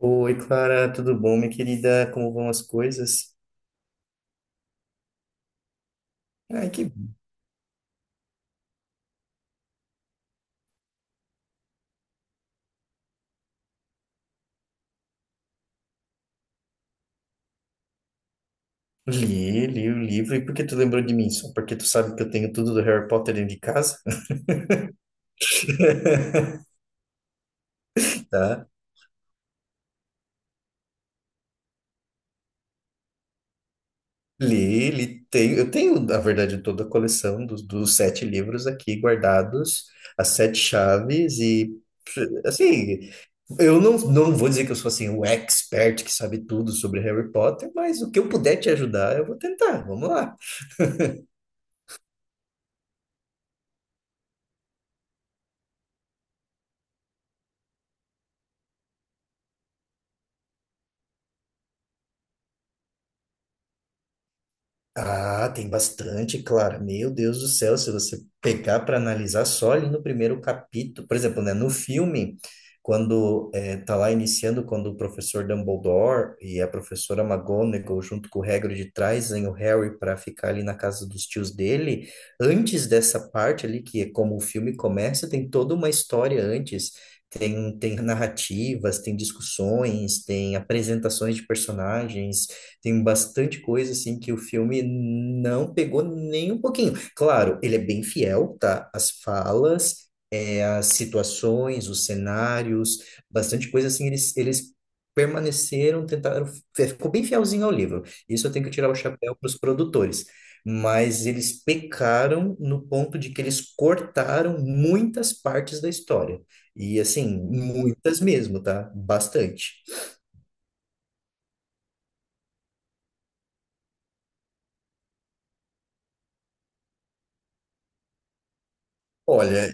Oi, Clara, tudo bom, minha querida? Como vão as coisas? Ai, que bom. Li, o livro. E por que tu lembrou de mim? Só porque tu sabe que eu tenho tudo do Harry Potter dentro de casa, tá? Li, li, tenho, eu tenho, na verdade, toda a coleção dos 7 livros aqui guardados, as 7 chaves e, assim, eu não, vou dizer que eu sou, assim, o expert que sabe tudo sobre Harry Potter, mas o que eu puder te ajudar, eu vou tentar. Vamos lá. Ah, tem bastante, Clara. Meu Deus do céu, se você pegar para analisar só ali no primeiro capítulo, por exemplo, né, no filme, quando tá lá iniciando, quando o professor Dumbledore e a professora McGonagall, junto com o Hagrid, trazem o Harry para ficar ali na casa dos tios dele, antes dessa parte ali, que é como o filme começa, tem toda uma história antes. Tem narrativas, tem discussões, tem apresentações de personagens, tem bastante coisa assim que o filme não pegou nem um pouquinho. Claro, ele é bem fiel, tá? As falas, é, as situações, os cenários, bastante coisa assim, eles permaneceram, tentaram, ficou bem fielzinho ao livro. Isso eu tenho que tirar o chapéu para os produtores. Mas eles pecaram no ponto de que eles cortaram muitas partes da história. E assim, muitas mesmo, tá? Bastante. Olha,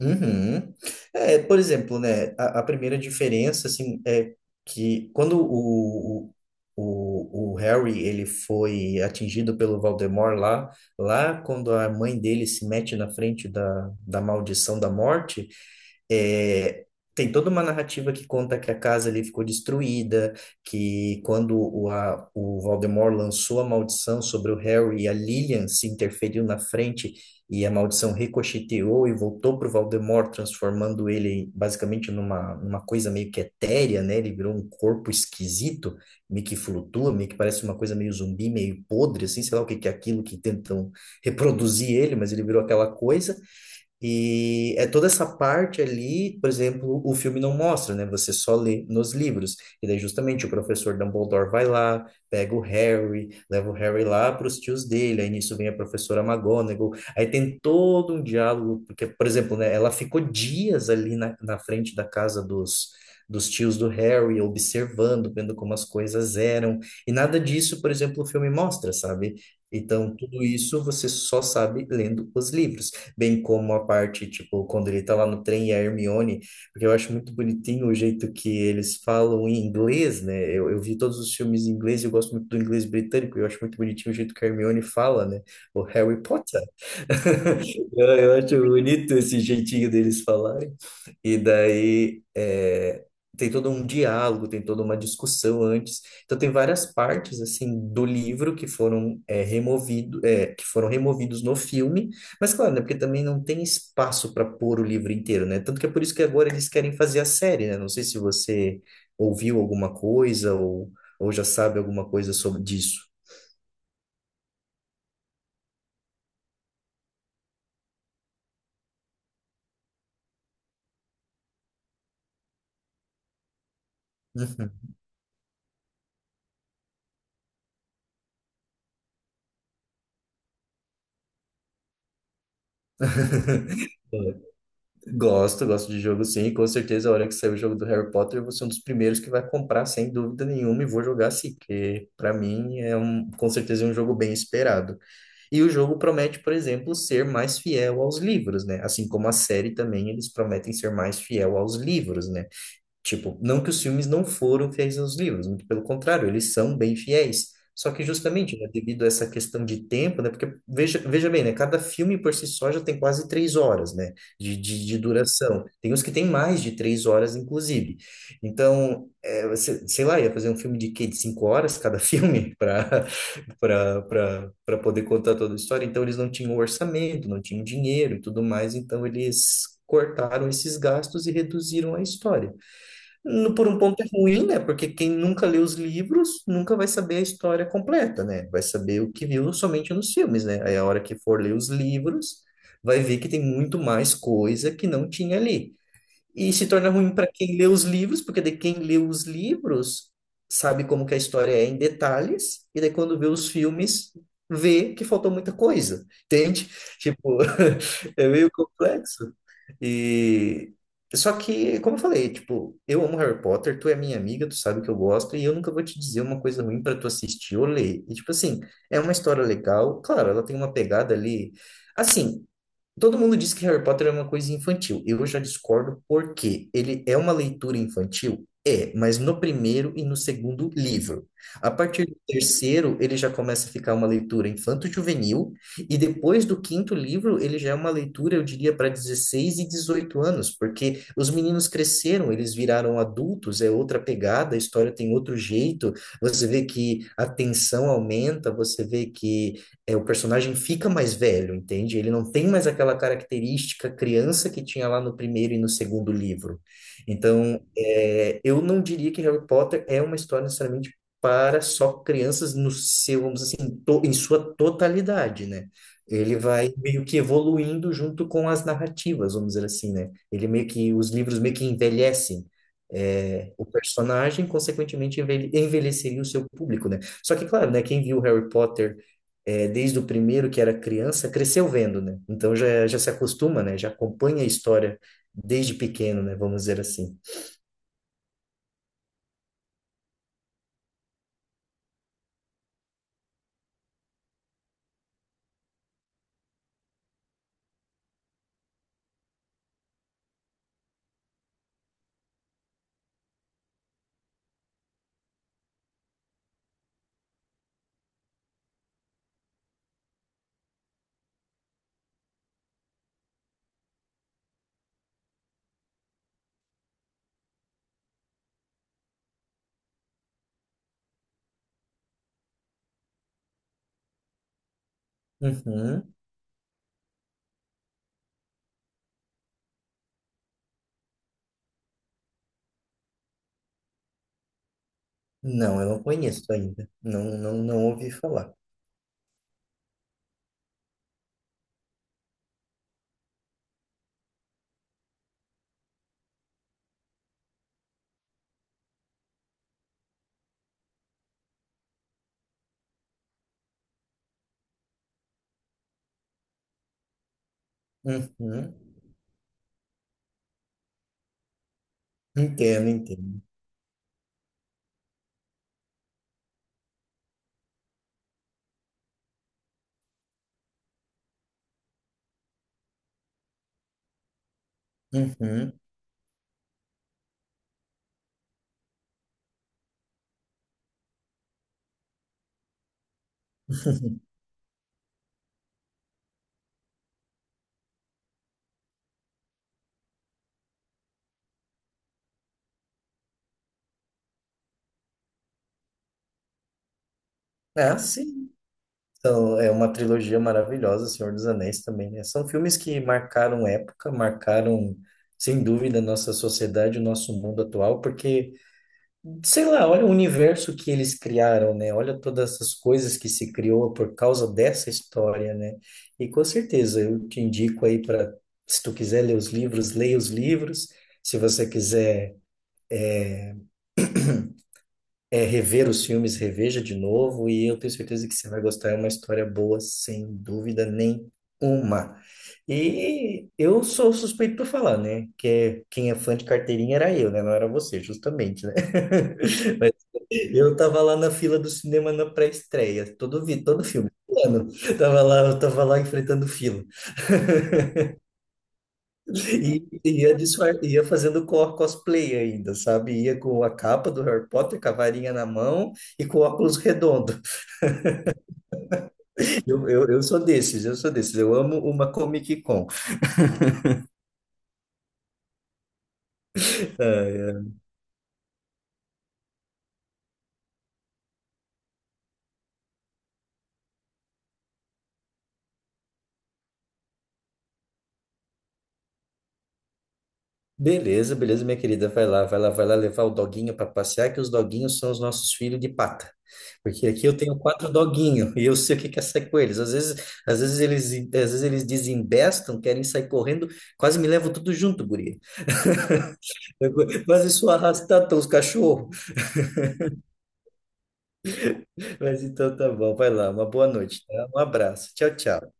uhum. É, por exemplo, né, a primeira diferença, assim, é que quando o Harry, ele foi atingido pelo Voldemort lá, lá quando a mãe dele se mete na frente da maldição da morte, é, tem toda uma narrativa que conta que a casa ali ficou destruída, que quando o, a, o Voldemort lançou a maldição sobre o Harry, a Lilian se interferiu na frente e a maldição ricocheteou e voltou para o Valdemort, transformando ele basicamente numa coisa meio que etérea, né? Ele virou um corpo esquisito, meio que flutua, meio que parece uma coisa meio zumbi, meio podre, assim, sei lá o que que é aquilo que tentam reproduzir ele, mas ele virou aquela coisa. E é toda essa parte ali, por exemplo, o filme não mostra, né? Você só lê nos livros. E daí justamente o professor Dumbledore vai lá, pega o Harry, leva o Harry lá para os tios dele. Aí nisso vem a professora McGonagall. Aí tem todo um diálogo, porque, por exemplo, né, ela ficou dias ali na frente da casa dos tios do Harry, observando, vendo como as coisas eram. E nada disso, por exemplo, o filme mostra, sabe? Então, tudo isso você só sabe lendo os livros, bem como a parte, tipo, quando ele tá lá no trem e a Hermione, porque eu acho muito bonitinho o jeito que eles falam em inglês, né? Eu vi todos os filmes em inglês e eu gosto muito do inglês britânico, e eu acho muito bonitinho o jeito que a Hermione fala, né? O Harry Potter. Eu acho bonito esse jeitinho deles falarem. E daí é, tem todo um diálogo, tem toda uma discussão antes. Então tem várias partes assim do livro que foram é, removido, é, que foram removidos no filme. Mas claro, né, porque também não tem espaço para pôr o livro inteiro, né? Tanto que é por isso que agora eles querem fazer a série, né? Não sei se você ouviu alguma coisa ou já sabe alguma coisa sobre disso. Gosto, gosto de jogo sim. Com certeza, a hora que sair o jogo do Harry Potter, eu vou ser um dos primeiros que vai comprar, sem dúvida nenhuma, e vou jogar sim, porque para mim é um, com certeza é um jogo bem esperado. E o jogo promete, por exemplo, ser mais fiel aos livros, né? Assim como a série também, eles prometem ser mais fiel aos livros, né? Tipo, não que os filmes não foram fiéis aos livros, muito pelo contrário, eles são bem fiéis. Só que justamente, né, devido a essa questão de tempo, né, porque veja bem, né, cada filme por si só já tem quase 3 horas, né, de duração. Tem uns que tem mais de 3 horas, inclusive. Então, é, sei lá, ia fazer um filme de quê? De 5 horas cada filme para para para poder contar toda a história. Então, eles não tinham orçamento, não tinham dinheiro e tudo mais, então eles cortaram esses gastos e reduziram a história. Por um ponto é ruim, né? Porque quem nunca lê os livros nunca vai saber a história completa, né? Vai saber o que viu somente nos filmes, né? Aí a hora que for ler os livros, vai ver que tem muito mais coisa que não tinha ali. E se torna ruim para quem lê os livros, porque de quem lê os livros sabe como que a história é em detalhes, e daí quando vê os filmes, vê que faltou muita coisa, entende? Tipo, é meio complexo. E só que, como eu falei, tipo, eu amo Harry Potter, tu é minha amiga, tu sabe que eu gosto, e eu nunca vou te dizer uma coisa ruim para tu assistir ou ler. E tipo assim, é uma história legal, claro, ela tem uma pegada ali. Assim, todo mundo diz que Harry Potter é uma coisa infantil. Eu já discordo porque ele é uma leitura infantil, é, mas no primeiro e no segundo livro. A partir do terceiro, ele já começa a ficar uma leitura infanto-juvenil, e depois do quinto livro, ele já é uma leitura, eu diria, para 16 e 18 anos, porque os meninos cresceram, eles viraram adultos, é outra pegada, a história tem outro jeito, você vê que a tensão aumenta, você vê que é, o personagem fica mais velho, entende? Ele não tem mais aquela característica criança que tinha lá no primeiro e no segundo livro. Então, é, eu não diria que Harry Potter é uma história necessariamente para só crianças no seu, vamos dizer assim, em sua totalidade, né? Ele vai meio que evoluindo junto com as narrativas, vamos dizer assim, né? Ele meio que, os livros meio que envelhecem. É, o personagem, consequentemente, envelheceria o seu público, né? Só que, claro, né, quem viu Harry Potter é, desde o primeiro que era criança, cresceu vendo, né? Então já se acostuma, né? Já acompanha a história desde pequeno, né? Vamos dizer assim. Uhum. Não, eu não conheço ainda. Não, ouvi falar. Uhum. Entendo, entendo. Uhum. Ah, sim. Então, é uma trilogia maravilhosa, Senhor dos Anéis também, né? São filmes que marcaram época, marcaram, sem dúvida, a nossa sociedade, o nosso mundo atual, porque sei lá, olha o universo que eles criaram, né? Olha todas essas coisas que se criou por causa dessa história, né? E com certeza eu te indico aí para, se tu quiser ler os livros, leia os livros. Se você quiser é, rever os filmes, reveja de novo, e eu tenho certeza que você vai gostar. É uma história boa, sem dúvida nenhuma. E eu sou suspeito para falar, né? Que é, quem é fã de carteirinha era eu, né? Não era você, justamente, né? Mas eu tava lá na fila do cinema na pré-estreia, todo, vi, todo filme. Mano, tava lá, eu tava lá enfrentando fila. E ia, disfar... ia fazendo cosplay ainda, sabe? Ia com a capa do Harry Potter, com a varinha na mão e com óculos redondo. Eu sou desses, eu sou desses. Eu amo uma Comic Con. Ai, ai. Beleza, beleza, minha querida. Vai lá, levar o doguinho para passear, que os doguinhos são os nossos filhos de pata. Porque aqui eu tenho 4 doguinhos e eu sei o que que é sair com eles. Às vezes, às vezes eles desembestam, querem sair correndo, quase me levam tudo junto, guria. Eu quase sou arrastado pelos cachorros. Mas então tá bom, vai lá, uma boa noite, tá? Um abraço, tchau, tchau.